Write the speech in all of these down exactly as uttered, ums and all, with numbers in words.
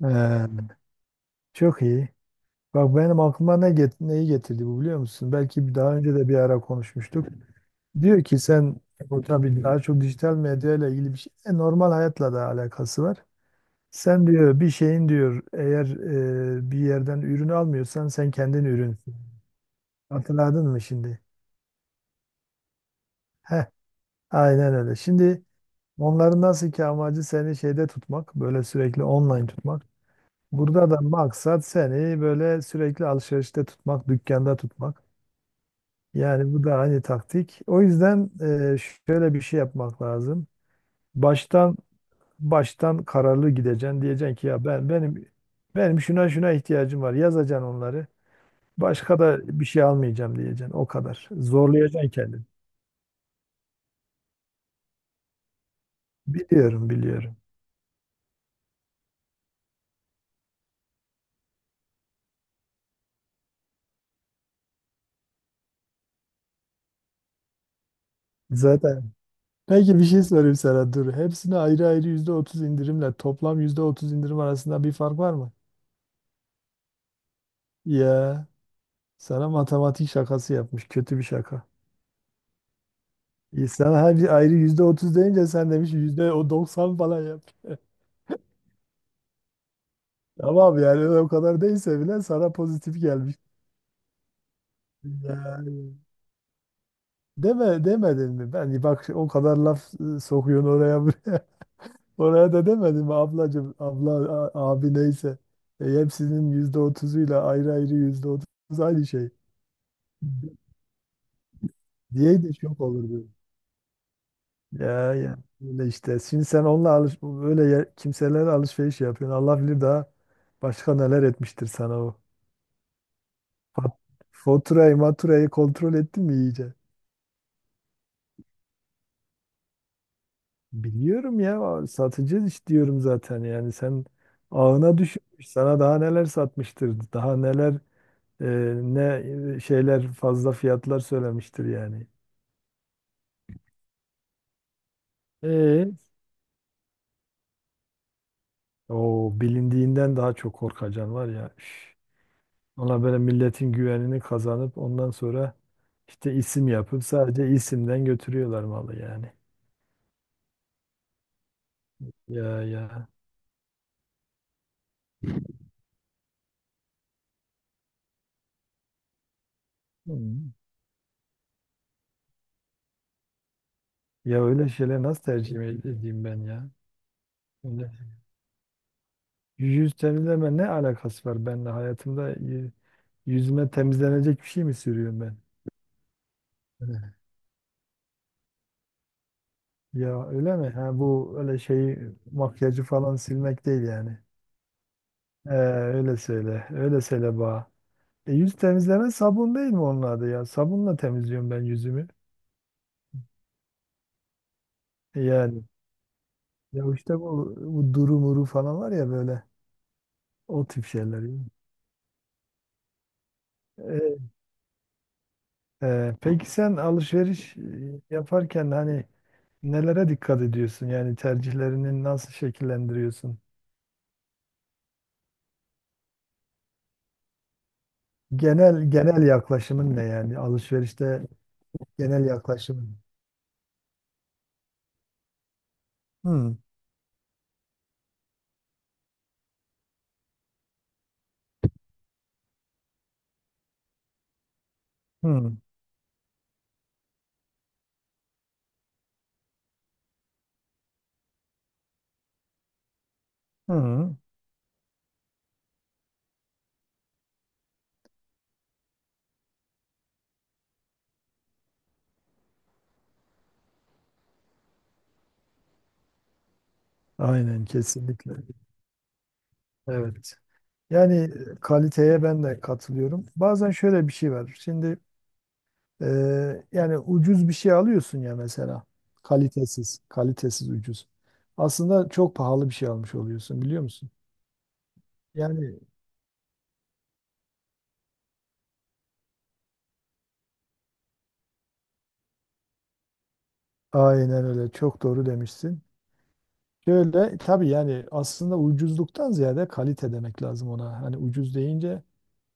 Ee, Çok iyi. Bak, benim aklıma ne get neyi getirdi bu, biliyor musun? Belki bir daha önce de bir ara konuşmuştuk. Diyor ki sen, bu tabii daha çok dijital medya ile ilgili bir şey. E, normal hayatla da alakası var. Sen diyor bir şeyin diyor eğer e, bir yerden ürün almıyorsan sen kendin ürünsün. Hatırladın mı şimdi? Heh, aynen öyle. Şimdi onların nasıl ki amacı seni şeyde tutmak, böyle sürekli online tutmak. Burada da maksat seni böyle sürekli alışverişte tutmak, dükkanda tutmak. Yani bu da hani taktik. O yüzden e, şöyle bir şey yapmak lazım. Baştan baştan kararlı gideceksin. Diyeceksin ki ya ben benim benim şuna şuna ihtiyacım var. Yazacaksın onları. Başka da bir şey almayacağım diyeceksin. O kadar. Zorlayacaksın kendini. Biliyorum, biliyorum. Zaten. Peki bir şey sorayım sana, dur. Hepsine ayrı ayrı yüzde otuz indirimle toplam yüzde otuz indirim arasında bir fark var mı? Ya, sana matematik şakası yapmış. Kötü bir şaka. İnsan her ayrı yüzde otuz deyince sen demiş yüzde o doksan falan yap. Tamam, yani o kadar değilse bile sana pozitif gelmiş. Yani deme demedin mi? Ben bak o kadar laf e, sokuyorsun oraya buraya. Oraya da demedin mi ablacığım, abla, a- abi, neyse. E, hepsinin yüzde otuzuyla ayrı ayrı yüzde otuz aynı şey. Diye de şok olurdu. Ya ya öyle işte. Şimdi sen onunla alış böyle yer- kimselerle alışveriş yapıyorsun. Allah bilir daha başka neler etmiştir sana o. Fa- Faturayı maturayı kontrol ettin mi iyice? Biliyorum ya, satıcı iş diyorum zaten yani sen ağına düşmüş sana daha neler satmıştır, daha neler, e, ne e, şeyler, fazla fiyatlar söylemiştir yani. E O bilindiğinden daha çok korkacan var ya. Üf. Ona böyle milletin güvenini kazanıp ondan sonra işte isim yapıp sadece isimden götürüyorlar malı yani. Ya ya. Hmm. Ya öyle şeyler nasıl tercih edeyim ben ya? Öyle. Yüz temizleme ne alakası var benimle? Hayatımda y- yüzüme temizlenecek bir şey mi sürüyorum ben? Evet. Ya öyle mi? Ha, bu öyle şey, makyajı falan silmek değil yani. Ee, öyle söyle. Öyle söyle bana. E, yüz temizleme sabun değil mi onun adı ya? Sabunla temizliyorum ben yüzümü. Yani ya işte bu, bu duru muru falan var ya böyle o tip şeyler yani. E, e, peki sen alışveriş e, yaparken hani nelere dikkat ediyorsun? Yani tercihlerini nasıl şekillendiriyorsun? Genel genel yaklaşımın ne yani, alışverişte genel yaklaşımın? Hı hı hı. Aynen, kesinlikle. Evet. Yani e, kaliteye ben de katılıyorum. Bazen şöyle bir şey var. Şimdi Ee, yani ucuz bir şey alıyorsun ya mesela. Kalitesiz, kalitesiz, ucuz. Aslında çok pahalı bir şey almış oluyorsun, biliyor musun? Yani aynen öyle, çok doğru demişsin. Şöyle tabii, yani aslında ucuzluktan ziyade kalite demek lazım ona. Hani ucuz deyince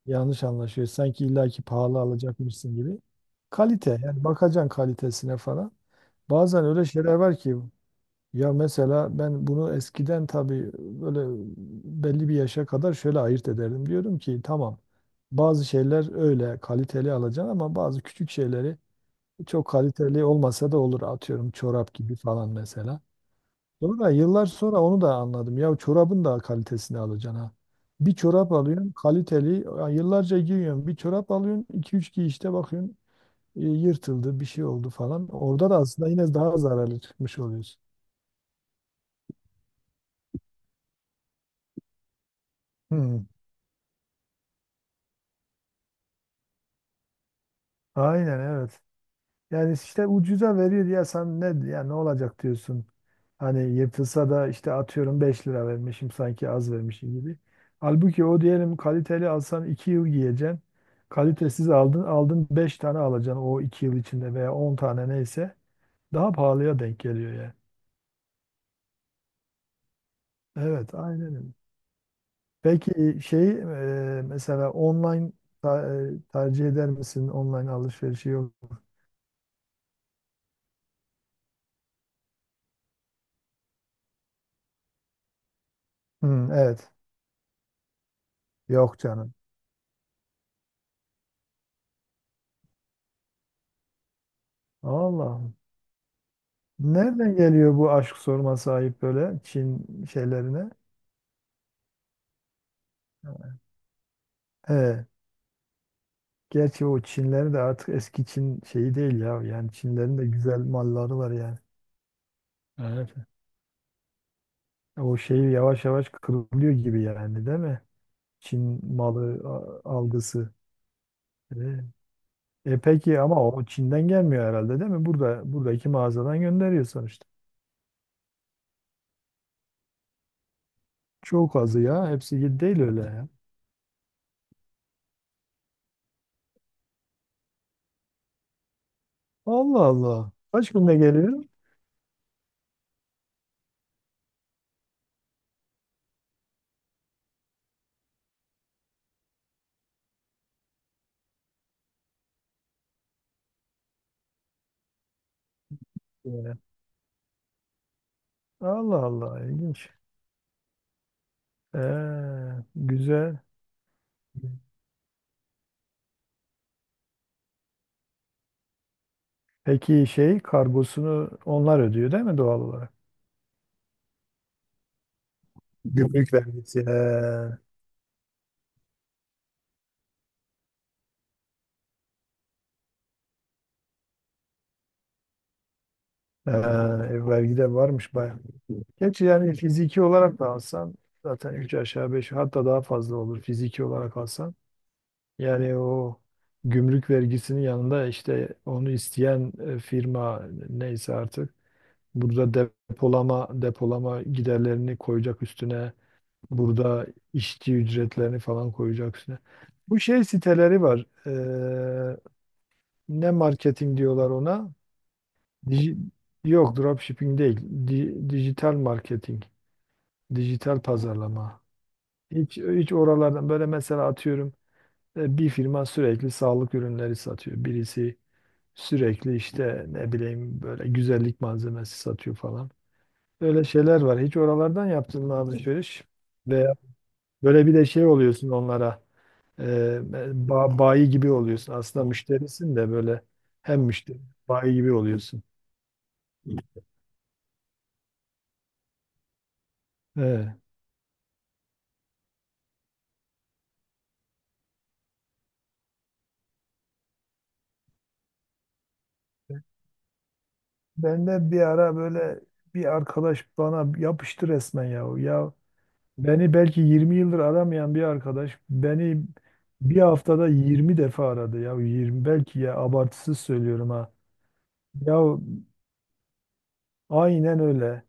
yanlış anlaşıyor. Sanki illaki pahalı alacakmışsın gibi. Kalite yani, bakacaksın kalitesine falan. Bazen öyle şeyler var ki, ya mesela ben bunu eskiden tabii böyle belli bir yaşa kadar şöyle ayırt ederdim. Diyorum ki tamam, bazı şeyler öyle kaliteli alacaksın ama bazı küçük şeyleri çok kaliteli olmasa da olur. Atıyorum, çorap gibi falan mesela. Sonra yıllar sonra onu da anladım. Ya çorabın da kalitesini alacaksın ha. Bir çorap alıyorsun kaliteli, ya yıllarca giyiyorsun. Bir çorap alıyorsun, iki üç giyişte bakıyorsun e, yırtıldı, bir şey oldu falan. Orada da aslında yine daha zararlı çıkmış oluyorsun. Hmm. Aynen, evet. Yani işte ucuza veriyor ya, sen ne ya ne olacak diyorsun. Hani yırtılsa da işte atıyorum beş lira vermişim, sanki az vermişim gibi. Halbuki o, diyelim kaliteli alsan iki yıl giyeceksin. Kalitesiz aldın, aldın beş tane alacaksın o iki yıl içinde veya on tane, neyse daha pahalıya denk geliyor yani. Evet, aynen öyle. Peki şey, e, mesela online ta- e, tercih eder misin online alışverişi, yok? Hmm, evet, yok canım. Allah. Nereden geliyor bu aşk, sorması ayıp, böyle Çin şeylerine? He, gerçi o Çinleri de artık eski Çin şeyi değil ya. Yani Çinlerin de güzel malları var yani. Evet. O şeyi yavaş yavaş kırılıyor gibi yani, değil mi? Çin malı a- algısı. E, e peki ama o Çin'den gelmiyor herhalde, değil mi? Burada buradaki mağazadan gönderiyor sonuçta. Çok azı ya. Hepsi değil öyle ya. Allah Allah. Kaç günde geliyor? Evet. Allah Allah. İlginç. Ee, güzel. Peki şey, kargosunu onlar ödüyor değil mi doğal olarak? Gümrük vergisi. Ee, ee, e, vergi de varmış bayağı. Gerçi yani fiziki olarak da alsan zaten üç aşağı beş, hatta daha fazla olur fiziki olarak alsan. Yani o gümrük vergisinin yanında işte onu isteyen e, firma, neyse artık burada depolama depolama giderlerini koyacak üstüne. Burada işçi ücretlerini falan koyacaksın. Bu şey siteleri var. Ee, ne marketing diyorlar ona? Dij- Yok, dropshipping değil. Di- dijital marketing. Dijital pazarlama. Hiç, hiç oralardan böyle mesela atıyorum e, bir firma sürekli sağlık ürünleri satıyor. Birisi sürekli işte ne bileyim böyle güzellik malzemesi satıyor falan. Öyle şeyler var. Hiç oralardan yaptın mı alışveriş? Veya böyle bir de şey oluyorsun onlara. Ee, ba- Bayi gibi oluyorsun. Aslında müşterisin de böyle, hem müşteri, bayi gibi oluyorsun. Evet. Ben de bir ara böyle bir arkadaş bana yapıştı resmen ya. Ya beni belki yirmi yıldır aramayan bir arkadaş beni bir haftada yirmi defa aradı ya. yirmi belki ya, abartısız söylüyorum ha. Ya, aynen öyle.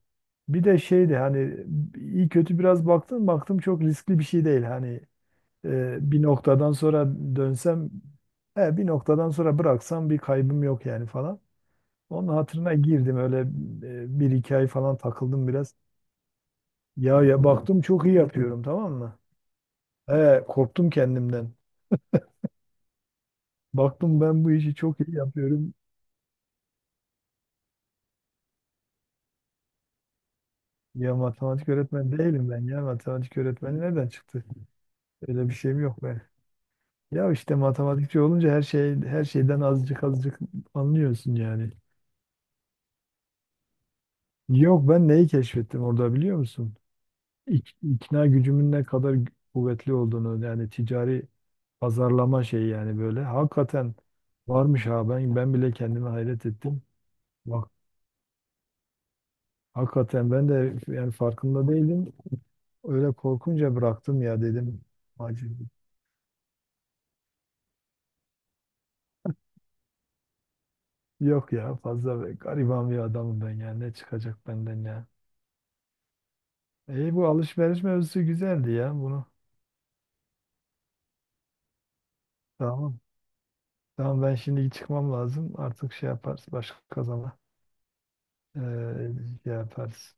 Bir de şeydi hani, iyi kötü biraz baktım baktım çok riskli bir şey değil hani. Ee, bir noktadan sonra dönsem, he, bir noktadan sonra bıraksam bir kaybım yok yani falan. Onun hatırına girdim, öyle e, bir iki ay falan takıldım biraz. Ya ya, baktım çok iyi yapıyorum, tamam mı? He, Korktum kendimden. Baktım ben bu işi çok iyi yapıyorum. Ya matematik öğretmeni değilim ben ya. Matematik öğretmeni nereden çıktı? Öyle bir şeyim yok ben. Ya işte matematikçi olunca her şey her şeyden azıcık azıcık anlıyorsun yani. Yok, ben neyi keşfettim orada biliyor musun? ik- ikna gücümün ne kadar kuvvetli olduğunu, yani ticari pazarlama şeyi yani böyle hakikaten varmış ha, ben ben bile kendime hayret ettim. Bak hakikaten ben de yani farkında değildim. Öyle korkunca bıraktım ya dedim. Acı. Yok ya fazla be- gariban bir adamım ben yani, ne çıkacak benden ya. İyi, bu alışveriş mevzusu güzeldi ya, bunu. Tamam. Tamam, ben şimdi çıkmam lazım. Artık şey yaparız başka kazana. Ee, Şey yaparız.